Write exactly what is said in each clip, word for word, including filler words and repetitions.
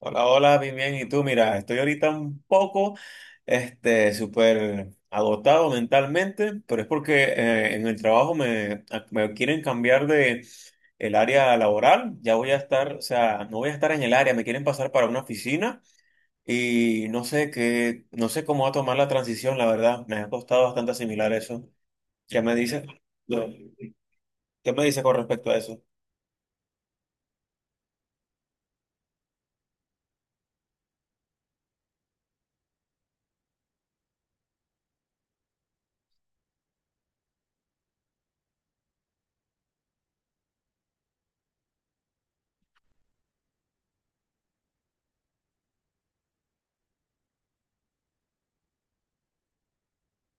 Hola, hola, bien, bien. ¿Y tú? Mira, estoy ahorita un poco, este, súper agotado mentalmente, pero es porque eh, en el trabajo me, me quieren cambiar de el área laboral. Ya voy a estar, o sea, no voy a estar en el área, me quieren pasar para una oficina y no sé qué, no sé cómo va a tomar la transición, la verdad. Me ha costado bastante asimilar eso. ¿Qué me dices? ¿Qué me dices con respecto a eso?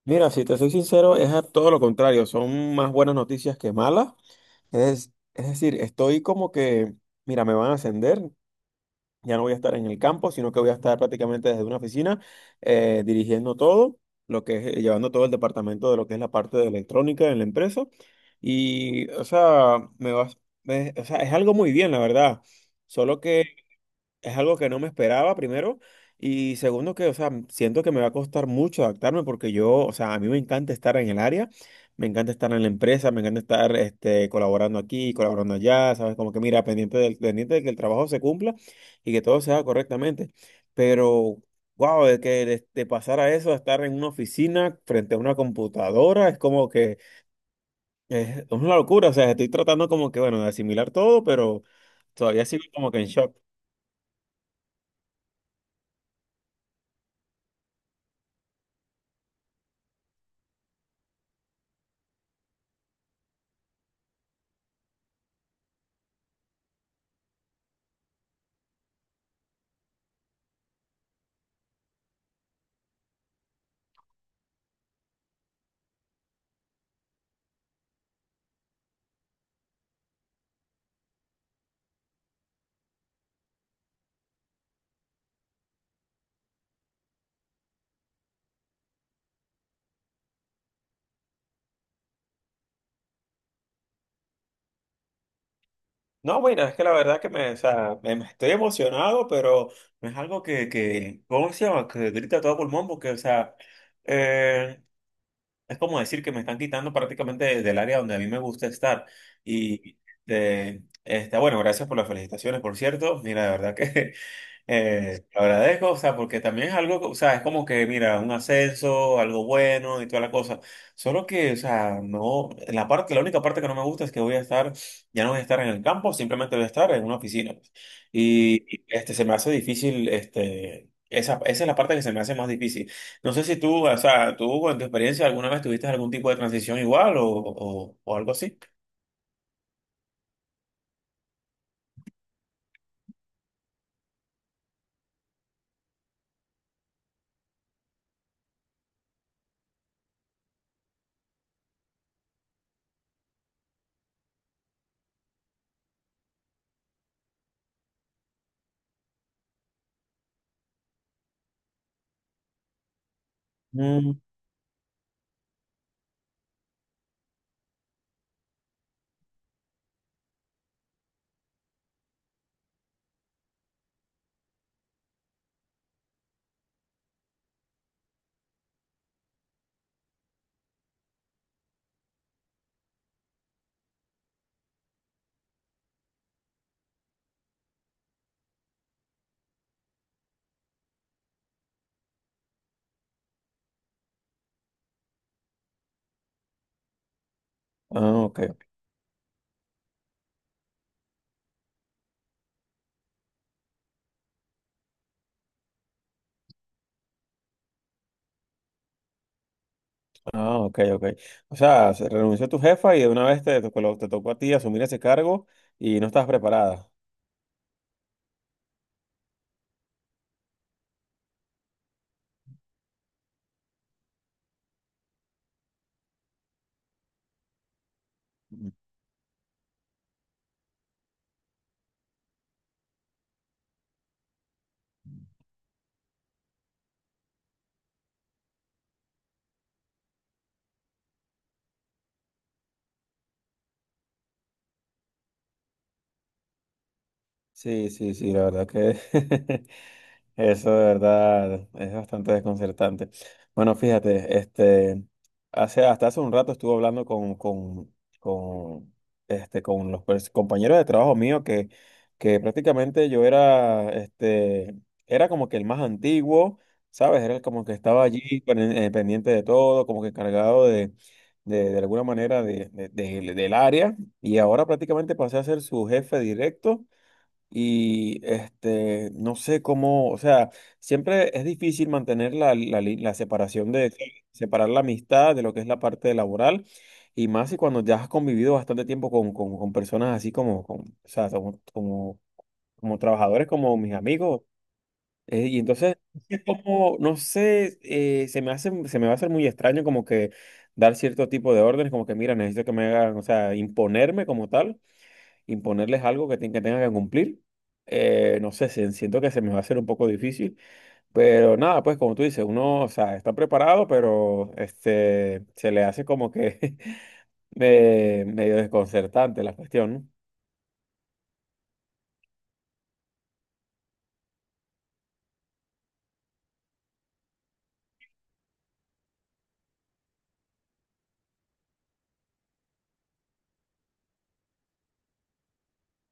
Mira, si te soy sincero, es a todo lo contrario. Son más buenas noticias que malas. Es, es decir, estoy como que, mira, me van a ascender, ya no voy a estar en el campo, sino que voy a estar prácticamente desde una oficina, eh, dirigiendo todo, lo que es, llevando todo el departamento de lo que es la parte de electrónica en la empresa. Y, o sea, me vas, me- o sea, es algo muy bien, la verdad. Solo que es algo que no me esperaba, primero. Y segundo, que, o sea, siento que me va a costar mucho adaptarme porque yo, o sea, a mí me encanta estar en el área, me encanta estar en la empresa, me encanta estar este, colaborando aquí, colaborando allá, ¿sabes? Como que mira, pendiente del, pendiente de que el trabajo se cumpla y que todo se haga correctamente. Pero, wow, de que de, de pasar a eso, a estar en una oficina frente a una computadora, es como que es una locura. O sea, estoy tratando como que, bueno, de asimilar todo, pero todavía sigo como que en shock. No, bueno, es que la verdad que me, o sea, me- me estoy emocionado, pero no es algo que, que, ¿cómo se llama? Que grita a todo pulmón, porque, o sea, eh, es como decir que me están quitando prácticamente de- del área donde a mí me gusta estar. Y, de, este, bueno, gracias por las felicitaciones, por cierto. Mira, de verdad que Eh, te agradezco, o sea, porque también es algo, o sea, es como que, mira, un ascenso, algo bueno y toda la cosa. Solo que, o sea, no, la parte, la única parte que no me gusta es que voy a estar, ya no voy a estar en el campo, simplemente voy a estar en una oficina, pues. Y y, este, se me hace difícil, este, esa, esa es la parte que se me hace más difícil. No sé si tú, o sea, tú en tu experiencia alguna vez tuviste algún tipo de transición igual o, o, o algo así. Mm, ah, ok. Ah, ok, ok. O sea, se renunció tu jefa y de una vez te tocó, te tocó a ti asumir ese cargo y no estabas preparada. Sí, sí, sí, la verdad que... Eso de verdad es bastante desconcertante. Bueno, fíjate, este, hace, hasta hace un rato estuve hablando con, con, con, este, con los pers- compañeros de trabajo mío que, que prácticamente yo era, este, era como que el más antiguo, ¿sabes? Era como que estaba allí pen- eh, pendiente de todo, como que encargado de, de, de alguna manera de, de- de- del área y ahora prácticamente pasé a ser su jefe directo. Y este, no sé cómo, o sea, siempre es difícil mantener la, la li- la separación de, separar la amistad de lo que es la parte laboral, y más si cuando ya has convivido bastante tiempo con, con, con personas así como, con- o sea, como, como, como trabajadores, como mis amigos. Eh, y entonces, es como, no sé, eh, se me hace, se me va a hacer muy extraño como que dar cierto tipo de órdenes, como que mira, necesito que me hagan, o sea, imponerme como tal imponerles algo que, ten- que tengan que cumplir. Eh, no sé, si- siento que se me va a hacer un poco difícil, pero nada, pues como tú dices, uno, o sea, está preparado, pero este, se le hace como que me- medio desconcertante la cuestión, ¿no?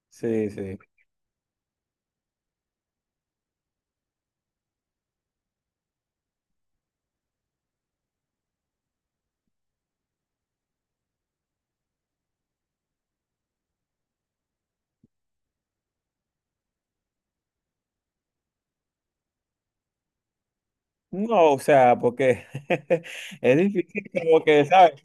Sí, sí. No, o sea, porque es difícil como que, ¿sabes?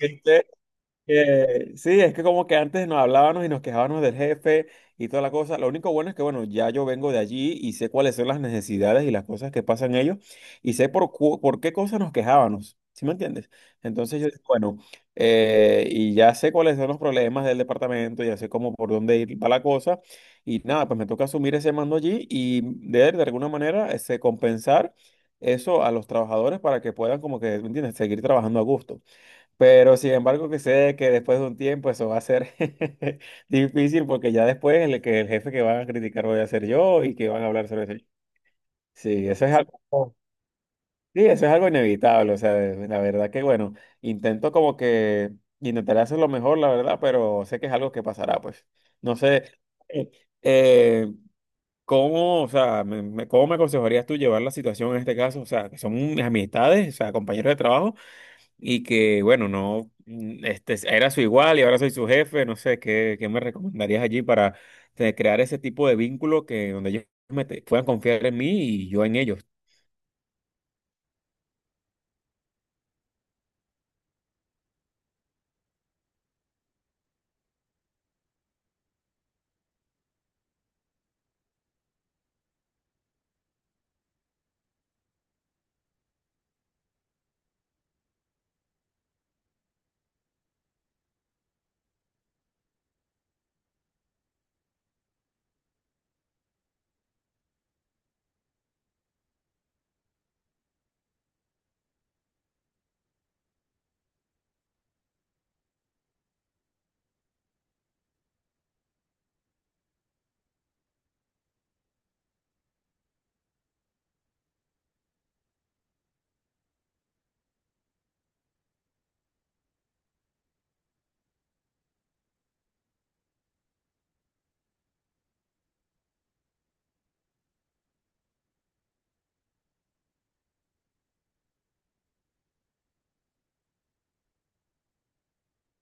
Eh, sí, es que como que antes nos hablábamos y nos quejábamos del jefe y toda la cosa. Lo único bueno es que, bueno, ya yo vengo de allí y sé cuáles son las necesidades y las cosas que pasan ellos y sé por, cu- por qué cosas nos quejábamos. ¿Sí me entiendes? Entonces yo digo, bueno, eh, y ya sé cuáles son los problemas del departamento, ya sé cómo por dónde ir para la cosa y nada, pues me toca asumir ese mando allí y de, de alguna manera este, compensar eso a los trabajadores para que puedan como que, ¿me entiendes?, seguir trabajando a gusto. Pero sin embargo, que sé que después de un tiempo eso va a ser difícil porque ya después el, que el jefe que van a criticar voy a ser yo y que van a hablar sobre eso. Sí, eso es algo, sí, eso es algo inevitable. O sea, la verdad que bueno, intento como que intentaré hacer lo mejor, la verdad, pero sé que es algo que pasará, pues. No sé, eh, eh, ¿cómo, o sea, me, me- cómo me aconsejarías tú llevar la situación en este caso? O sea, que son amistades, o sea, compañeros de trabajo y que, bueno, no, mm, este, era su igual y ahora soy su jefe, no sé, ¿qué, ¿qué me recomendarías allí para eh, crear ese tipo de vínculo que donde ellos me te- puedan confiar en mí y yo en ellos?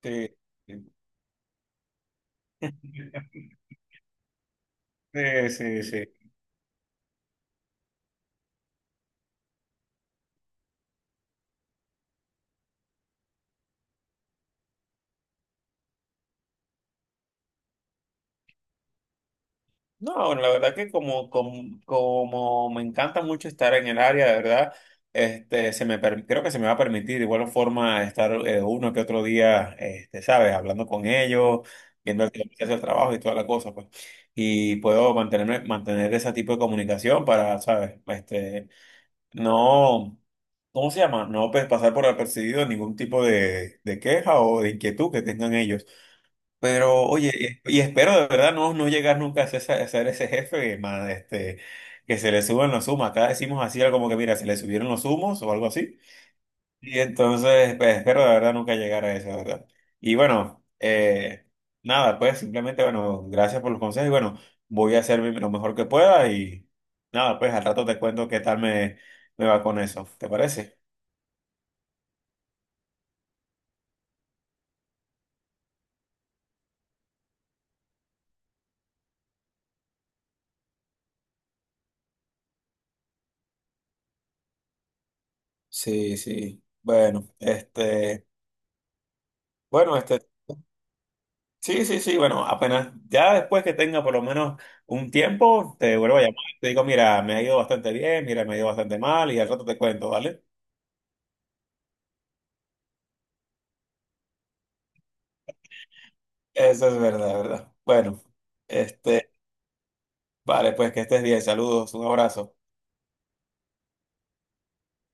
Sí, sí, sí, sí. No, bueno, la verdad que como, como, como me encanta mucho estar en el área, de verdad, este, se me, per- creo que se me va a permitir de igual forma estar eh, uno que otro día, este, ¿sabes? Hablando con ellos, viendo el que hace el trabajo y toda la cosa, pues. Y puedo mantenerme, mantener ese tipo de comunicación para, ¿sabes? Este, no, ¿cómo se llama? No pues, pasar por apercibido ningún tipo de, de queja o de inquietud que tengan ellos. Pero, oye, eh, y espero de verdad no, no llegar nunca a ser, esa- a ser ese jefe, más este, que se le suben los humos. Acá decimos así algo como que, mira, se le subieron los humos o algo así. Y entonces, pues, espero de verdad nunca llegar a eso, de ¿verdad? Y bueno, eh, nada, pues simplemente, bueno, gracias por los consejos y bueno, voy a hacer mi- lo mejor que pueda y nada, pues al rato te cuento qué tal me, me va con eso, ¿te parece? Sí, sí. Bueno, este, bueno, este. Sí, sí, sí, bueno, apenas, ya después que tenga por lo menos un tiempo, te vuelvo a llamar. Te digo, mira, me ha ido bastante bien, mira, me ha ido bastante mal y al rato te cuento, ¿vale? Eso es verdad, ¿verdad? Bueno, este, vale, pues que estés bien, saludos, un abrazo.